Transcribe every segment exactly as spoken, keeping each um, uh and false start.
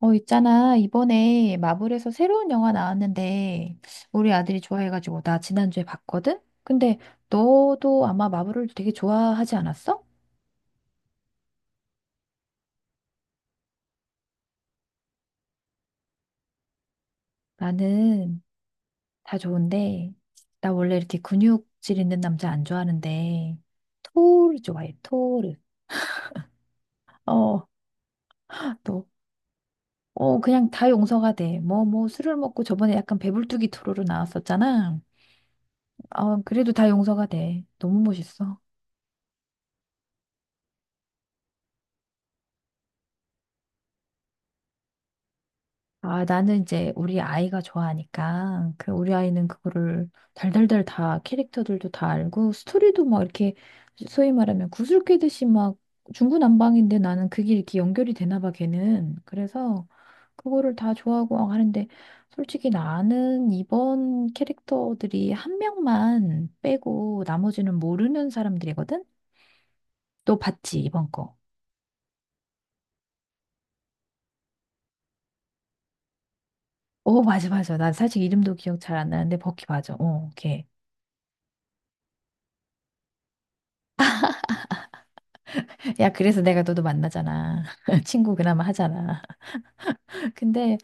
어, 있잖아. 이번에 마블에서 새로운 영화 나왔는데, 우리 아들이 좋아해가지고, 나 지난주에 봤거든? 근데 너도 아마 마블을 되게 좋아하지 않았어? 나는 다 좋은데, 나 원래 이렇게 근육질 있는 남자 안 좋아하는데, 토르 좋아해, 토르. 어, 또. 어, 그냥 다 용서가 돼. 뭐, 뭐, 술을 먹고 저번에 약간 배불뚝이 토르로 나왔었잖아. 어, 그래도 다 용서가 돼. 너무 멋있어. 아, 나는 이제 우리 아이가 좋아하니까, 그 우리 아이는 그거를 달달달 다 캐릭터들도 다 알고, 스토리도 막 이렇게 소위 말하면 구슬 꿰듯이 막 중구난방인데 나는 그게 이렇게 연결이 되나 봐, 걔는. 그래서 그거를 다 좋아하고 막 하는데, 솔직히 나는 이번 캐릭터들이 한 명만 빼고 나머지는 모르는 사람들이거든? 너 봤지, 이번 거. 어, 맞아, 맞아. 나 사실 이름도 기억 잘 안 나는데, 버키 맞아. 어, 걔. 야, 그래서 내가 너도 만나잖아. 친구 그나마 하잖아. 근데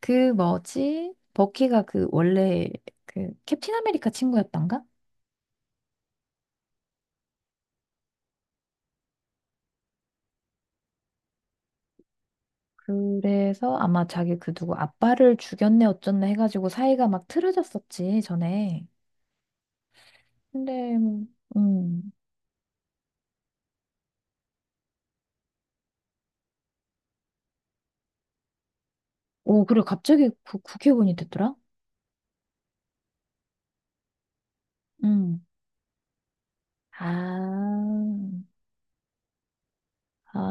그 뭐지? 버키가 그 원래 그 캡틴 아메리카 친구였던가? 그래서 아마 자기 그 누구 아빠를 죽였네 어쩌네 해가지고 사이가 막 틀어졌었지, 전에. 근데, 음. 오, 그래, 갑자기 국- 국회의원이 됐더라? 음. 아, 아,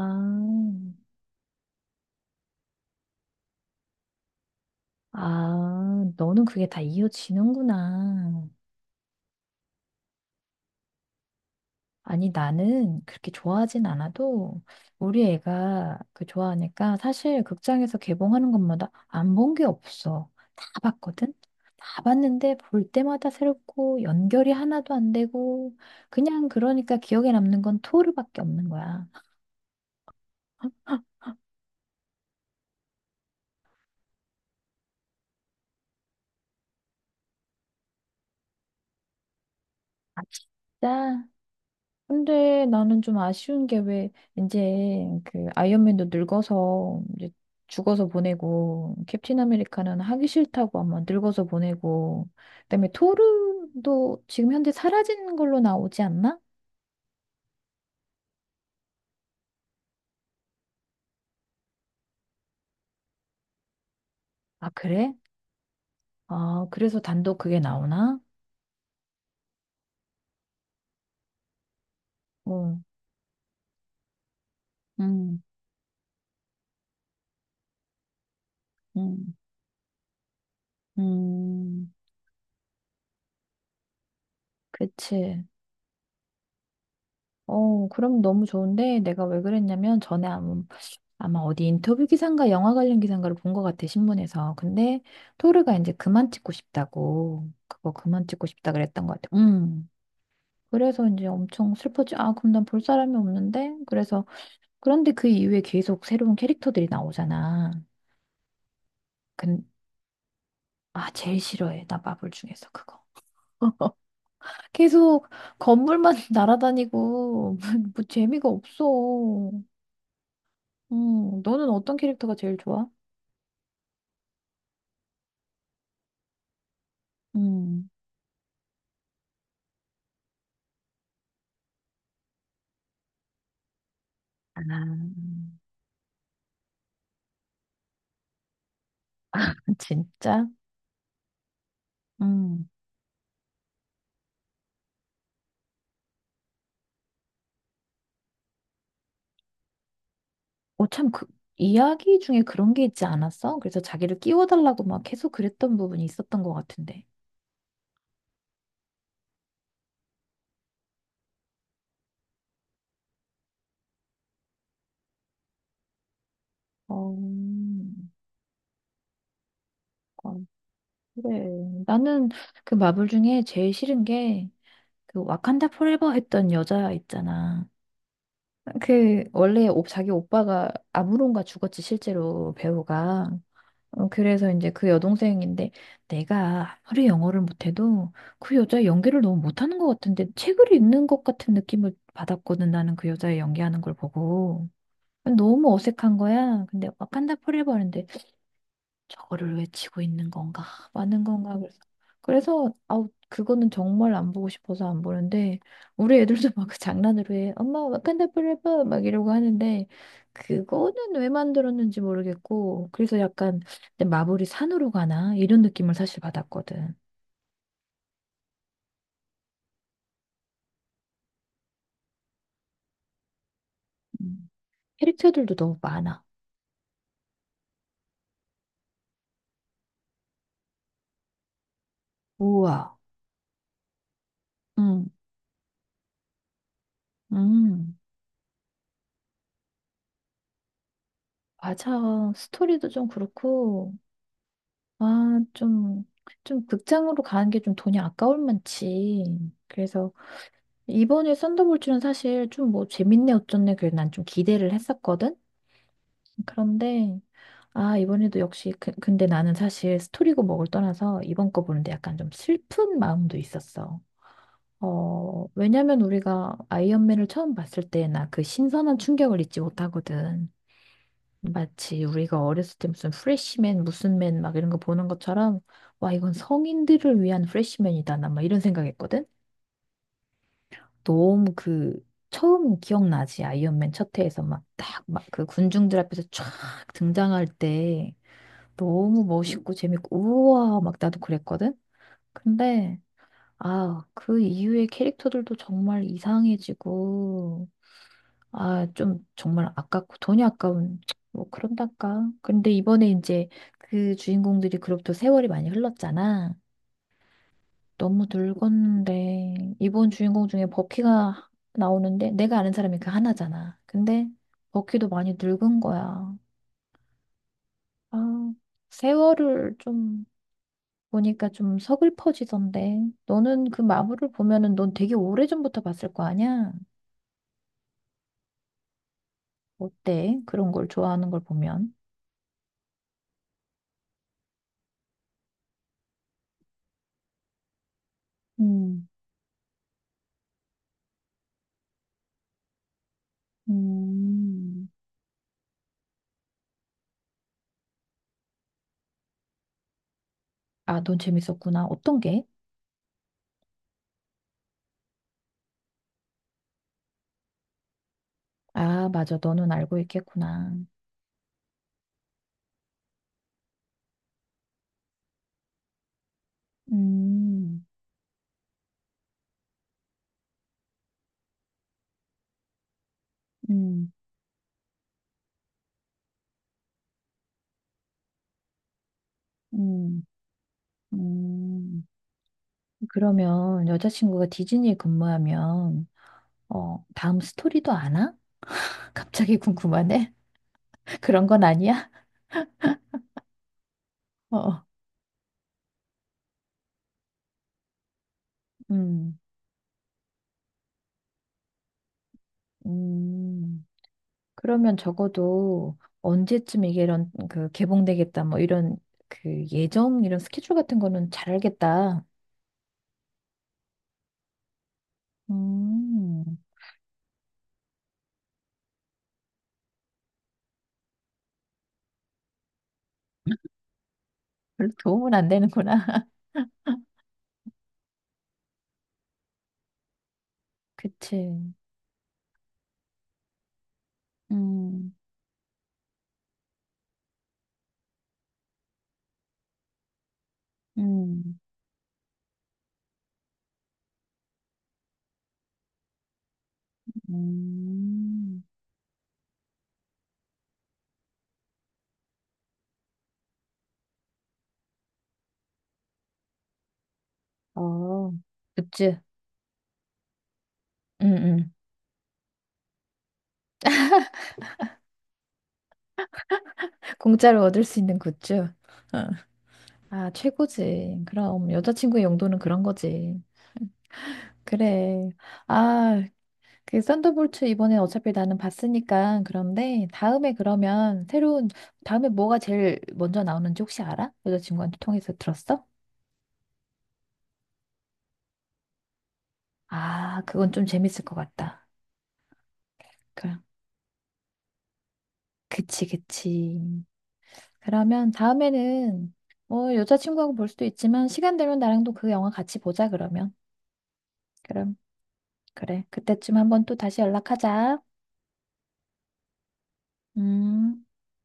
아, 너는 그게 다 이어지는구나. 아니, 나는 그렇게 좋아하진 않아도 우리 애가 그 좋아하니까 사실 극장에서 개봉하는 것마다 안 본 게 없어. 다 봤거든? 다 봤는데 볼 때마다 새롭고 연결이 하나도 안 되고 그냥 그러니까 기억에 남는 건 토르밖에 없는 거야. 아, 진짜? 근데 나는 좀 아쉬운 게 왜 이제 그 아이언맨도 늙어서 이제 죽어서 보내고 캡틴 아메리카는 하기 싫다고 아마 늙어서 보내고 그다음에 토르도 지금 현재 사라진 걸로 나오지 않나? 아 그래? 아 그래서 단독 그게 나오나? 어, 음, 음, 음, 그치. 어, 그럼 너무 좋은데 내가 왜 그랬냐면 전에 아마 아마 어디 인터뷰 기사인가 영화 관련 기사인가를 본 것 같아, 신문에서. 근데 토르가 이제 그만 찍고 싶다고, 그거 그만 찍고 싶다 그랬던 것 같아. 음. 그래서 이제 엄청 슬퍼지. 아, 그럼 난 볼 사람이 없는데? 그래서, 그런데 그 이후에 계속 새로운 캐릭터들이 나오잖아. 근, 아, 제일 싫어해. 나 마블 중에서 그거. 계속 건물만 날아다니고, 뭐 재미가 없어. 음, 너는 어떤 캐릭터가 제일 좋아? 음. 아, 진짜? 음. 어, 참, 그, 이야기 중에 그런 게 있지 않았어? 그래서 자기를 끼워달라고 막 계속 그랬던 부분이 있었던 것 같은데. 어, 아, 그래. 나는 그 마블 중에 제일 싫은 게 그 와칸다 포레버 했던 여자 있잖아. 그 원래 오- 자기 오빠가 아무론가 죽었지 실제로 배우가. 어, 그래서 이제 그 여동생인데 내가 아무리 영어를 못해도 그 여자 연기를 너무 못하는 것 같은데 책을 읽는 것 같은 느낌을 받았거든 나는 그 여자의 연기하는 걸 보고 너무 어색한 거야. 근데 와칸다 포레버인데 저거를 외치고 있는 건가? 맞는 건가? 그래서 그래서 아우 그거는 정말 안 보고 싶어서 안 보는데 우리 애들도 막 그 장난으로 해. 엄마 와칸다 f 레버 막 이러고 하는데 그거는 왜 만들었는지 모르겠고 그래서 약간 근데 마블이 산으로 가나 이런 느낌을 사실 받았거든. 음. 캐릭터들도 너무 많아. 우와. 음. 음. 맞아. 스토리도 좀 그렇고 아, 좀, 좀 극장으로 가는 게 좀 돈이 아까울 만치. 그래서 이번에 썬더볼츠는 사실 좀 뭐 재밌네 어쩌네 그래 난 좀 기대를 했었거든. 그런데 아, 이번에도 역시 그, 근데 나는 사실 스토리고 뭐를 떠나서 이번 거 보는데 약간 좀 슬픈 마음도 있었어. 어, 왜냐면 우리가 아이언맨을 처음 봤을 때 나 그 신선한 충격을 잊지 못하거든. 마치 우리가 어렸을 때 무슨 프레시맨 무슨 맨 막 이런 거 보는 것처럼 와 이건 성인들을 위한 프레시맨이다 나 막 이런 생각했거든. 너무 그 처음 기억나지 아이언맨 첫 회에서 막 딱 막 그 군중들 앞에서 촥 등장할 때 너무 멋있고 재밌고 우와 막 나도 그랬거든. 근데 아 그 이후의 캐릭터들도 정말 이상해지고 아, 좀 정말 아깝고 돈이 아까운 뭐 그런달까. 근데 이번에 이제 그 주인공들이 그로부터 세월이 많이 흘렀잖아. 너무 늙었는데 이번 주인공 중에 버키가 나오는데 내가 아는 사람이 그 하나잖아. 근데 버키도 많이 늙은 거야. 아, 세월을 좀 보니까 좀 서글퍼지던데. 너는 그 마블을 보면은 넌 되게 오래전부터 봤을 거 아니야? 어때? 그런 걸 좋아하는 걸 보면. 음, 음. 아, 넌 재밌었구나. 어떤 게? 아, 맞아. 너는 알고 있겠구나. 음, 음, 음, 음. 그러면 여자친구가 디즈니에 근무하면, 어, 다음 스토리도 아나? 갑자기 궁금하네. 그런 건 아니야? 어, 어. 음, 음. 그러면 적어도 언제쯤 이게 이런, 그, 개봉되겠다, 뭐, 이런, 그, 예정, 이런 스케줄 같은 거는 잘 알겠다. 음, 별로 도움은 안 되는구나. 그치. 음, 음, 음. 어, 굿즈. 음, 음. 공짜로 얻을 수 있는 굿즈. 아, 최고지. 그럼 여자친구의 용도는 그런 거지. 그래. 아, 그 썬더볼트 이번에 어차피 나는 봤으니까 그런데 다음에 그러면 새로운 다음에 뭐가 제일 먼저 나오는지 혹시 알아? 여자친구한테 통해서 들었어? 아, 그건 좀 재밌을 것 같다. 그, 그치, 그치. 그러면 다음에는 뭐 여자친구하고 볼 수도 있지만 시간 되면 나랑도 그 영화 같이 보자 그러면. 그럼 그래. 그때쯤 한번 또 다시 연락하자. 음.